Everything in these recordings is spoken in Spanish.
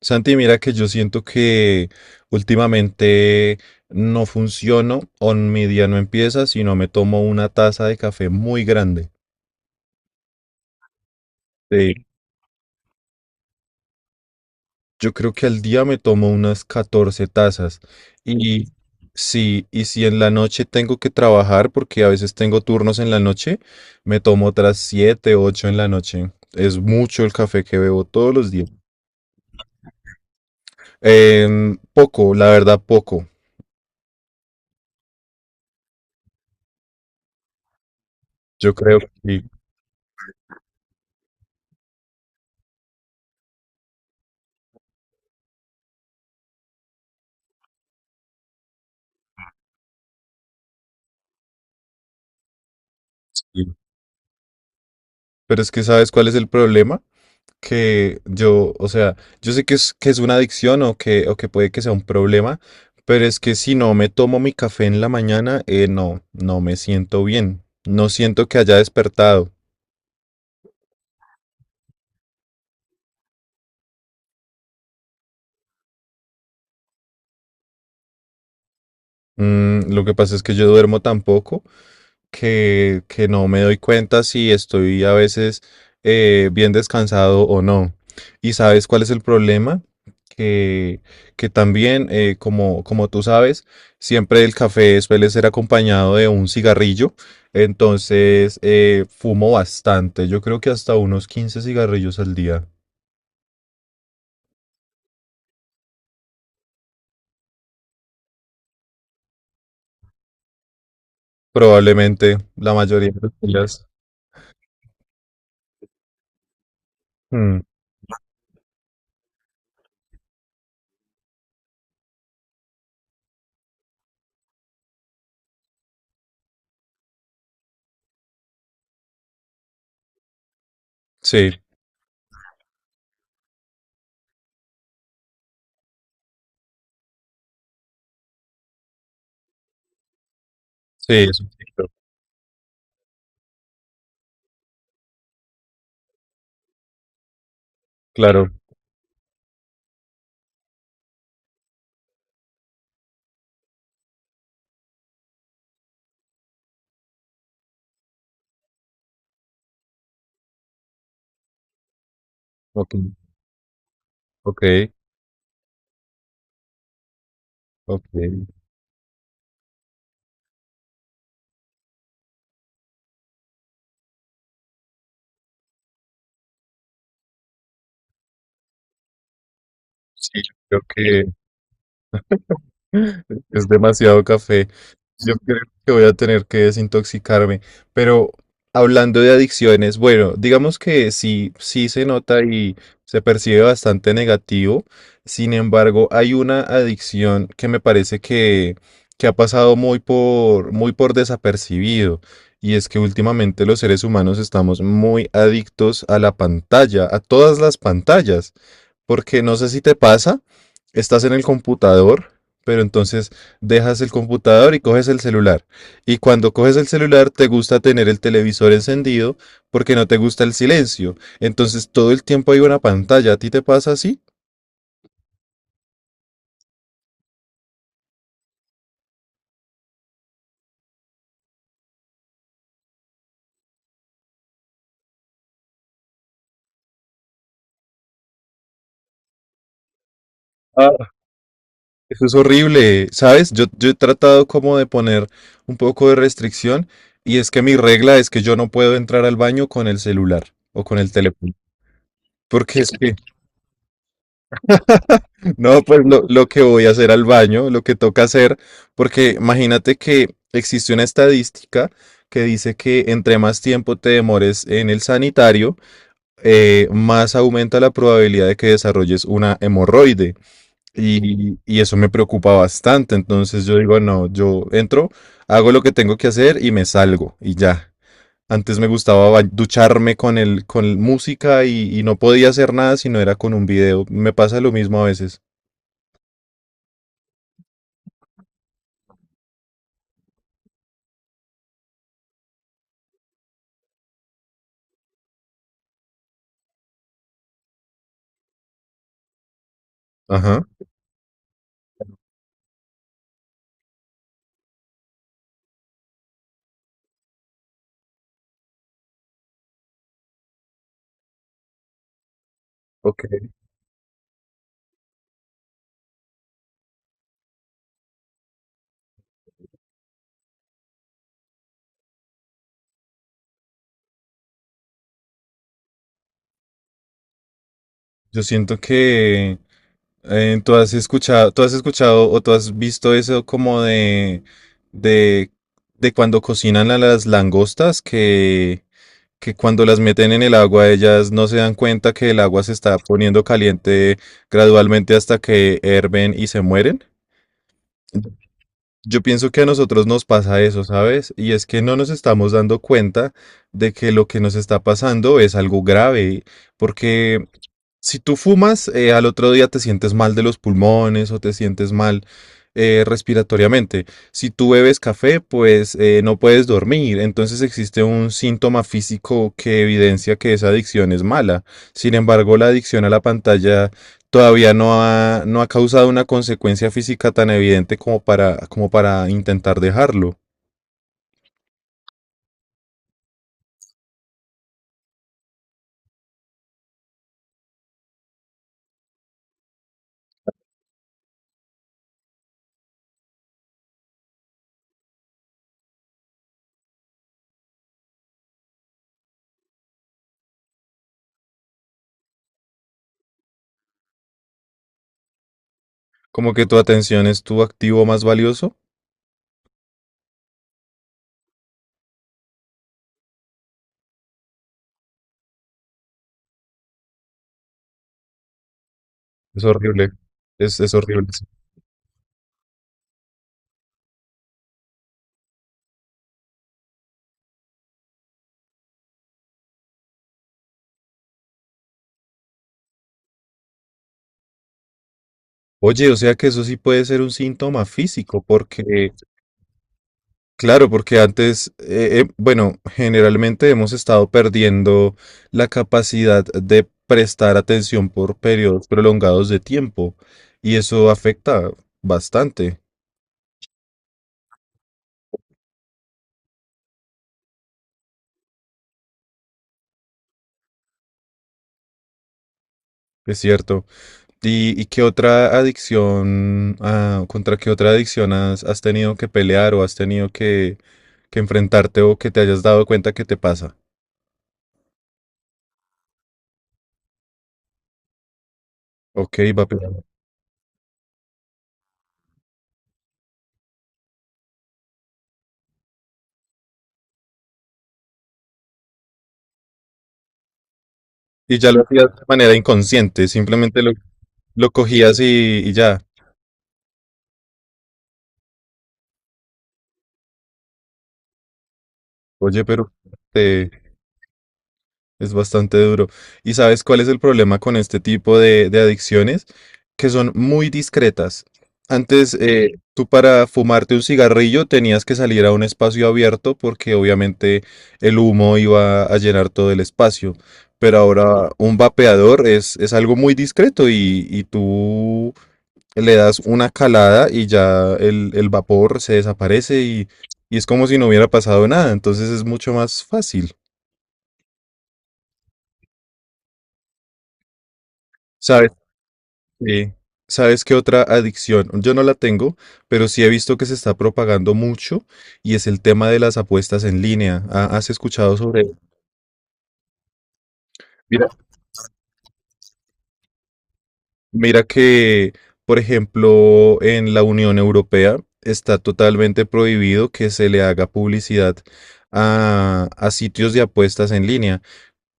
Santi, mira que yo siento que últimamente no funciono o mi día no empieza si no me tomo una taza de café muy grande. Eh, yo creo que al día me tomo unas 14 tazas. Y si, y si en la noche tengo que trabajar, porque a veces tengo turnos en la noche, me tomo otras 7, 8 en la noche. Es mucho el café que bebo todos los días. Poco, la verdad, poco. Yo creo que sí. Pero es que, ¿sabes cuál es el problema? Que yo, o sea, yo sé que es una adicción o que puede que sea un problema, pero es que si no me tomo mi café en la mañana, no me siento bien. No siento que haya despertado. Mm, lo que pasa es que yo duermo tan poco que no me doy cuenta si estoy a veces bien descansado o no. ¿Y sabes cuál es el problema? Que, que también, como, como tú sabes, siempre el café suele ser acompañado de un cigarrillo. Entonces, fumo bastante. Yo creo que hasta unos 15 cigarrillos al día. Probablemente la mayoría de los días. Mm, sí, sí, es un ciclo. Claro. Ok, ok, ok. Sí, yo creo que es demasiado café. Yo creo que voy a tener que desintoxicarme. Pero hablando de adicciones, bueno, digamos que sí, sí se nota y se percibe bastante negativo. Sin embargo, hay una adicción que me parece que ha pasado muy por, muy por desapercibido. Y es que últimamente los seres humanos estamos muy adictos a la pantalla, a todas las pantallas. Porque no sé si te pasa, estás en el computador pero entonces dejas el computador y coges el celular. Y cuando coges el celular te gusta tener el televisor encendido porque no te gusta el silencio. Entonces todo el tiempo hay una pantalla. ¿A ti te pasa así? Ah, eso es horrible, ¿sabes? Yo he tratado como de poner un poco de restricción y es que mi regla es que yo no puedo entrar al baño con el celular o con el teléfono. Porque es que, no, pues lo que voy a hacer al baño, lo que toca hacer, porque imagínate que existe una estadística que dice que entre más tiempo te demores en el sanitario, más aumenta la probabilidad de que desarrolles una hemorroide. Y eso me preocupa bastante. Entonces yo digo, no, yo entro, hago lo que tengo que hacer y me salgo y ya. Antes me gustaba ducharme con el, con música y no podía hacer nada si no era con un video. Me pasa lo mismo a veces. Ajá. Ok. Yo siento que tú has escuchado o tú has visto eso como de, de, de cuando cocinan a las langostas que cuando las meten en el agua, ellas no se dan cuenta que el agua se está poniendo caliente gradualmente hasta que herven y se mueren. Yo pienso que a nosotros nos pasa eso, ¿sabes? Y es que no nos estamos dando cuenta de que lo que nos está pasando es algo grave, porque si tú fumas, al otro día te sientes mal de los pulmones o te sientes mal respiratoriamente. Si tú bebes café, pues no puedes dormir. Entonces existe un síntoma físico que evidencia que esa adicción es mala. Sin embargo, la adicción a la pantalla todavía no ha, no ha causado una consecuencia física tan evidente como para, como para intentar dejarlo. Como que tu atención es tu activo más valioso. Es horrible. Es horrible. Oye, o sea que eso sí puede ser un síntoma físico, porque, claro, porque antes, bueno, generalmente hemos estado perdiendo la capacidad de prestar atención por periodos prolongados de tiempo, y eso afecta bastante, es cierto. Y qué otra adicción, ah, contra qué otra adicción has tenido que pelear o has tenido que enfrentarte o que te hayas dado cuenta que te pasa? Ok, va. Y ya lo hacías de manera inconsciente, simplemente lo cogías y ya. Oye, pero eh, es bastante duro. ¿Y sabes cuál es el problema con este tipo de adicciones? Que son muy discretas. Antes, tú para fumarte un cigarrillo tenías que salir a un espacio abierto porque obviamente el humo iba a llenar todo el espacio. Pero ahora un vapeador es algo muy discreto y tú le das una calada y ya el vapor se desaparece y es como si no hubiera pasado nada. Entonces es mucho más fácil. ¿Sabes? qué- ¿Sabes qué otra adicción? Yo no la tengo, pero sí he visto que se está propagando mucho y es el tema de las apuestas en línea. ¿Has escuchado sobre ello? Mira, mira que, por ejemplo, en la Unión Europea está totalmente prohibido que se le haga publicidad a sitios de apuestas en línea.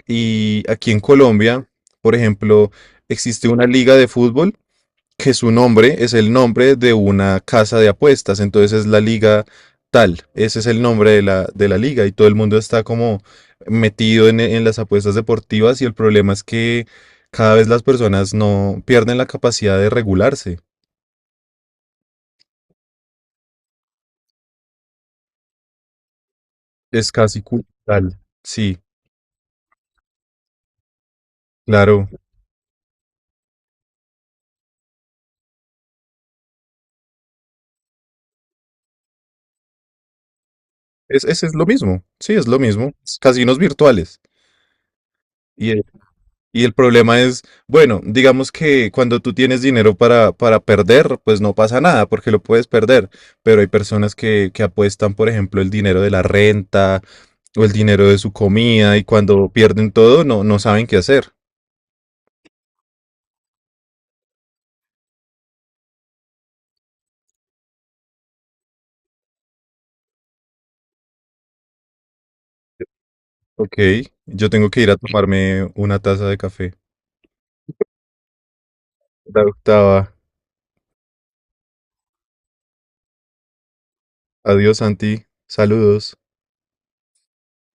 Y aquí en Colombia, por ejemplo, existe una liga de fútbol que su nombre es el nombre de una casa de apuestas, entonces es la liga tal, ese es el nombre de la liga y todo el mundo está como metido en las apuestas deportivas y el problema es que cada vez las personas no pierden la capacidad de regularse, es casi cultural. Sí, claro, es, ese es lo mismo, sí, es lo mismo, es casinos virtuales. Y el problema es, bueno, digamos que cuando tú tienes dinero para perder, pues no pasa nada porque lo puedes perder. Pero hay personas que apuestan, por ejemplo, el dinero de la renta o el dinero de su comida y cuando pierden todo no, no saben qué hacer. Ok, yo tengo que ir a tomarme una taza de café. La octava. Adiós, Santi. Saludos.